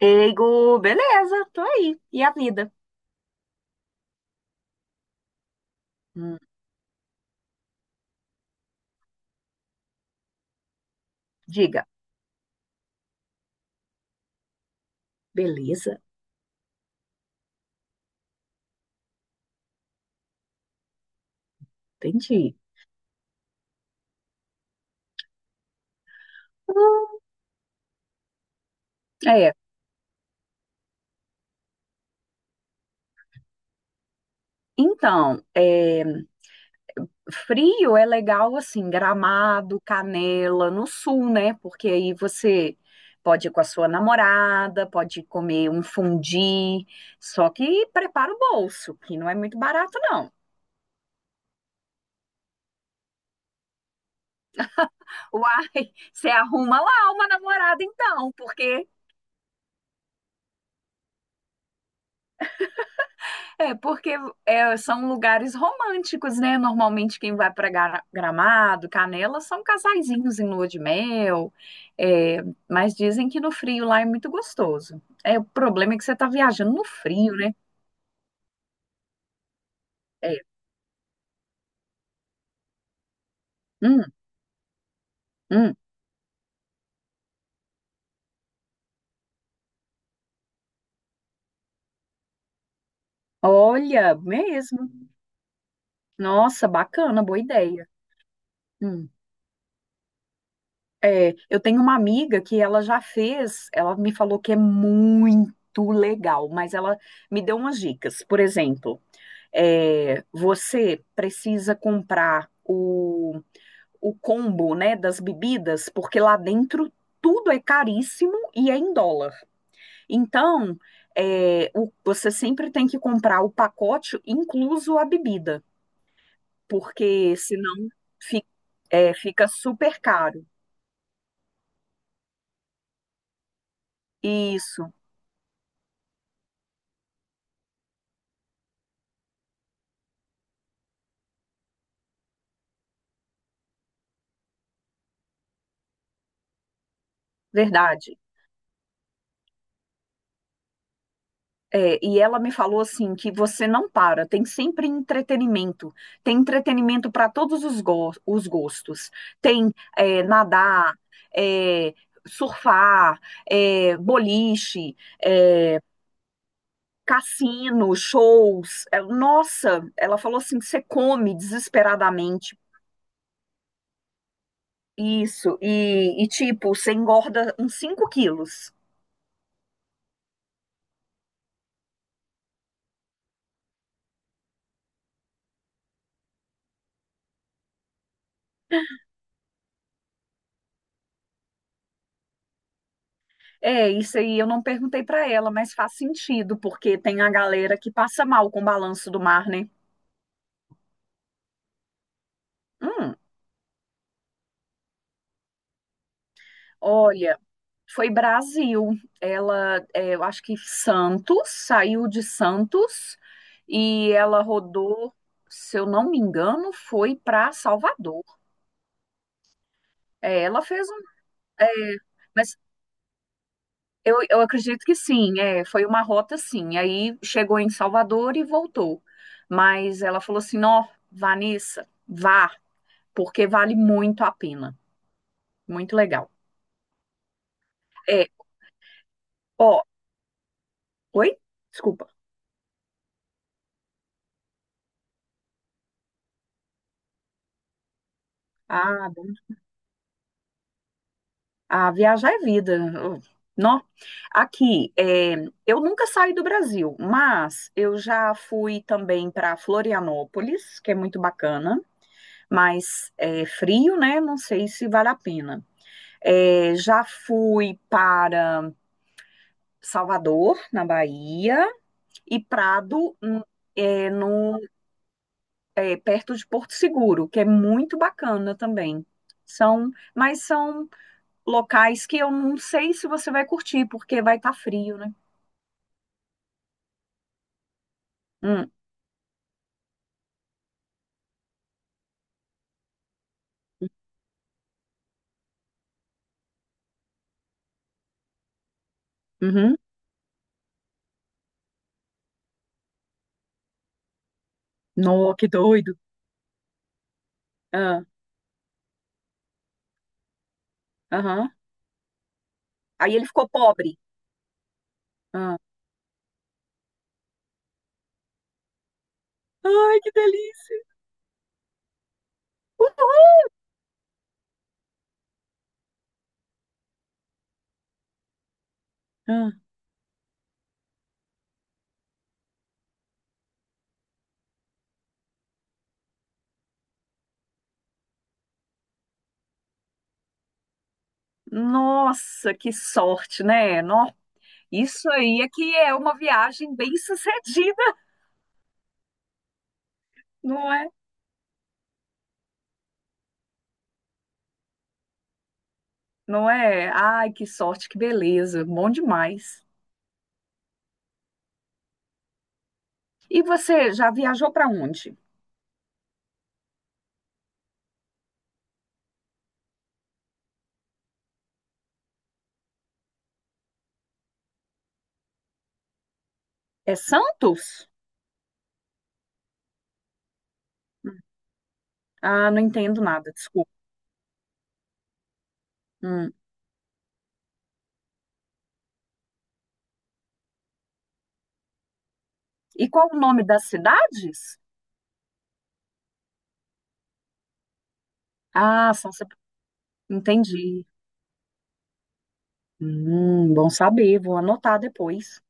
Eigo, beleza, tô aí. E a vida? Hum, diga, beleza, entendi. Hum. É, então, é, frio é legal assim, Gramado, Canela, no sul, né? Porque aí você pode ir com a sua namorada, pode comer um fundi, só que prepara o bolso, que não é muito barato, não. Uai, você arruma lá uma namorada então, porque são lugares românticos, né? Normalmente quem vai para Gramado, Canela, são casaizinhos em lua de mel, é, mas dizem que no frio lá é muito gostoso. É, o problema é que você está viajando no frio, né? É. Hum, hum. Olha, mesmo. Nossa, bacana, boa ideia. Hum. É, eu tenho uma amiga que ela já fez, ela me falou que é muito legal, mas ela me deu umas dicas. Por exemplo, você precisa comprar o combo, né, das bebidas, porque lá dentro tudo é caríssimo e é em dólar. Então, você sempre tem que comprar o pacote, incluso a bebida, porque senão fi- fica super caro. Isso, verdade. É, e ela me falou assim que você não para, tem sempre entretenimento, tem entretenimento para todos os, os gostos, tem nadar, é, surfar, boliche, é, cassino, shows. É, nossa, ela falou assim que você come desesperadamente isso e tipo você engorda uns 5 quilos. É, isso aí eu não perguntei pra ela, mas faz sentido, porque tem a galera que passa mal com o balanço do mar, né? Hum, olha, foi Brasil. Ela, é, eu acho que Santos, saiu de Santos e ela rodou, se eu não me engano, foi pra Salvador. É, ela fez um. É, mas eu acredito que sim, é, foi uma rota sim. Aí chegou em Salvador e voltou. Mas ela falou assim: ó, Vanessa, vá, porque vale muito a pena. Muito legal. É, ó, oi? Desculpa. Ah, a viajar é vida. Nó. Aqui, é, eu nunca saí do Brasil, mas eu já fui também para Florianópolis, que é muito bacana, mas é frio, né? Não sei se vale a pena. É, já fui para Salvador, na Bahia, e Prado, é, no é, perto de Porto Seguro, que é muito bacana também. São, mas são locais que eu não sei se você vai curtir, porque vai estar frio, né? Hum, uhum. No, que doido. Ah, aham. Aí ele ficou pobre. Ah. Ai, que delícia. Ah, nossa, que sorte, né? Isso aí é que é uma viagem bem-sucedida, não é? Não é? Ai, que sorte, que beleza, bom demais. E você já viajou para onde? É Santos? Hum. Ah, não entendo nada, desculpa. Hum. E qual o nome das cidades? Ah, são. Entendi. Bom saber, vou anotar depois.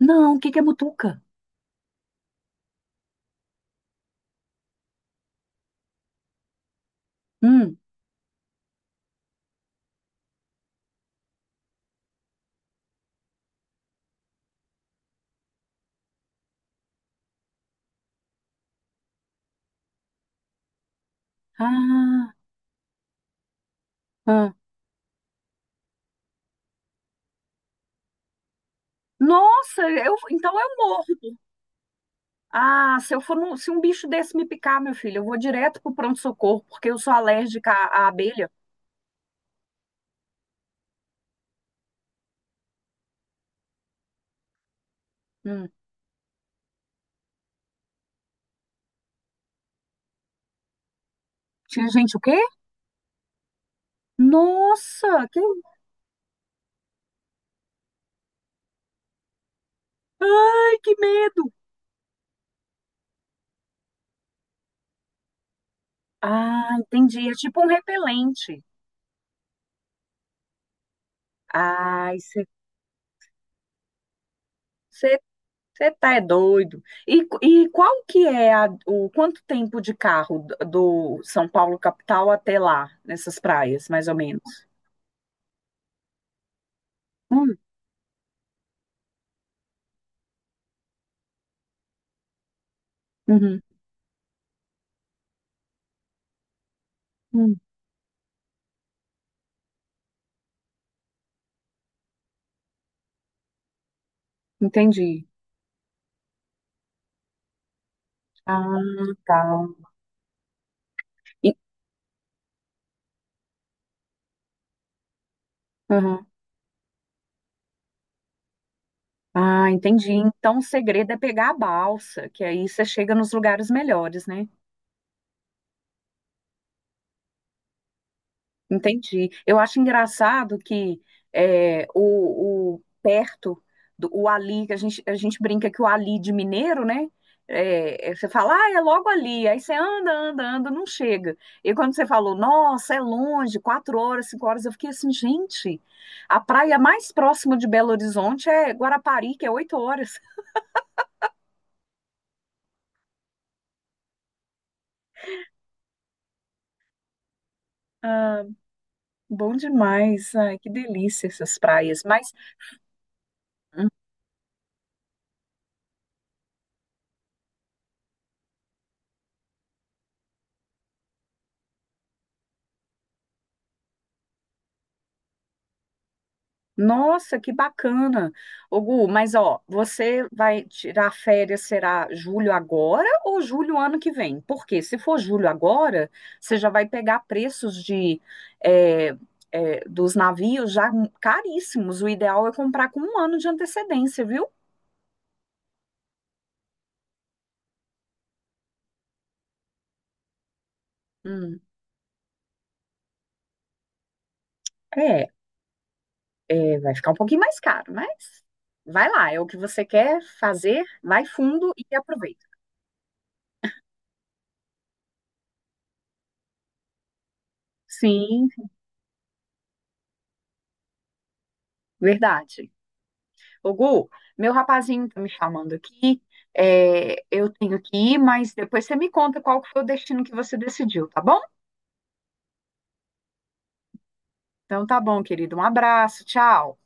Não, o que que é Mutuca? Hum. Ah, ah. Nossa, eu, então eu morro. Ah, se eu for se um bicho desse me picar, meu filho, eu vou direto pro pronto-socorro, porque eu sou alérgica à abelha. Hum. Tinha gente o quê? Nossa, que, ai, que medo. Ah, entendi. É tipo um repelente. Ai, você tá é doido. E qual que é o quanto tempo de carro do do São Paulo capital até lá, nessas praias, mais ou menos? Hum, uhum, hum, entendi. Ah, tá. E- aham. Ah, entendi. Então o segredo é pegar a balsa, que aí você chega nos lugares melhores, né? Entendi. Eu acho engraçado que é, o perto do o ali, que a gente brinca que o ali de mineiro, né? Você fala, ah, é logo ali. Aí você anda, anda, anda, não chega. E quando você falou, nossa, é longe, 4 horas, 5 horas, eu fiquei assim, gente, a praia mais próxima de Belo Horizonte é Guarapari, que é 8 horas. Ah, bom demais. Ai, que delícia essas praias. Mas nossa, que bacana. Ô, Gu, mas ó, você vai tirar férias, será julho agora ou julho ano que vem? Porque se for julho agora, você já vai pegar preços de é, dos navios já caríssimos. O ideal é comprar com um ano de antecedência, viu? Hum, é, vai ficar um pouquinho mais caro, mas vai lá, é o que você quer fazer, vai fundo e aproveita. Sim, verdade. Ô, Gu, meu rapazinho tá me chamando aqui. É, eu tenho que ir, mas depois você me conta qual que foi o destino que você decidiu, tá bom? Então tá bom, querido. Um abraço, tchau.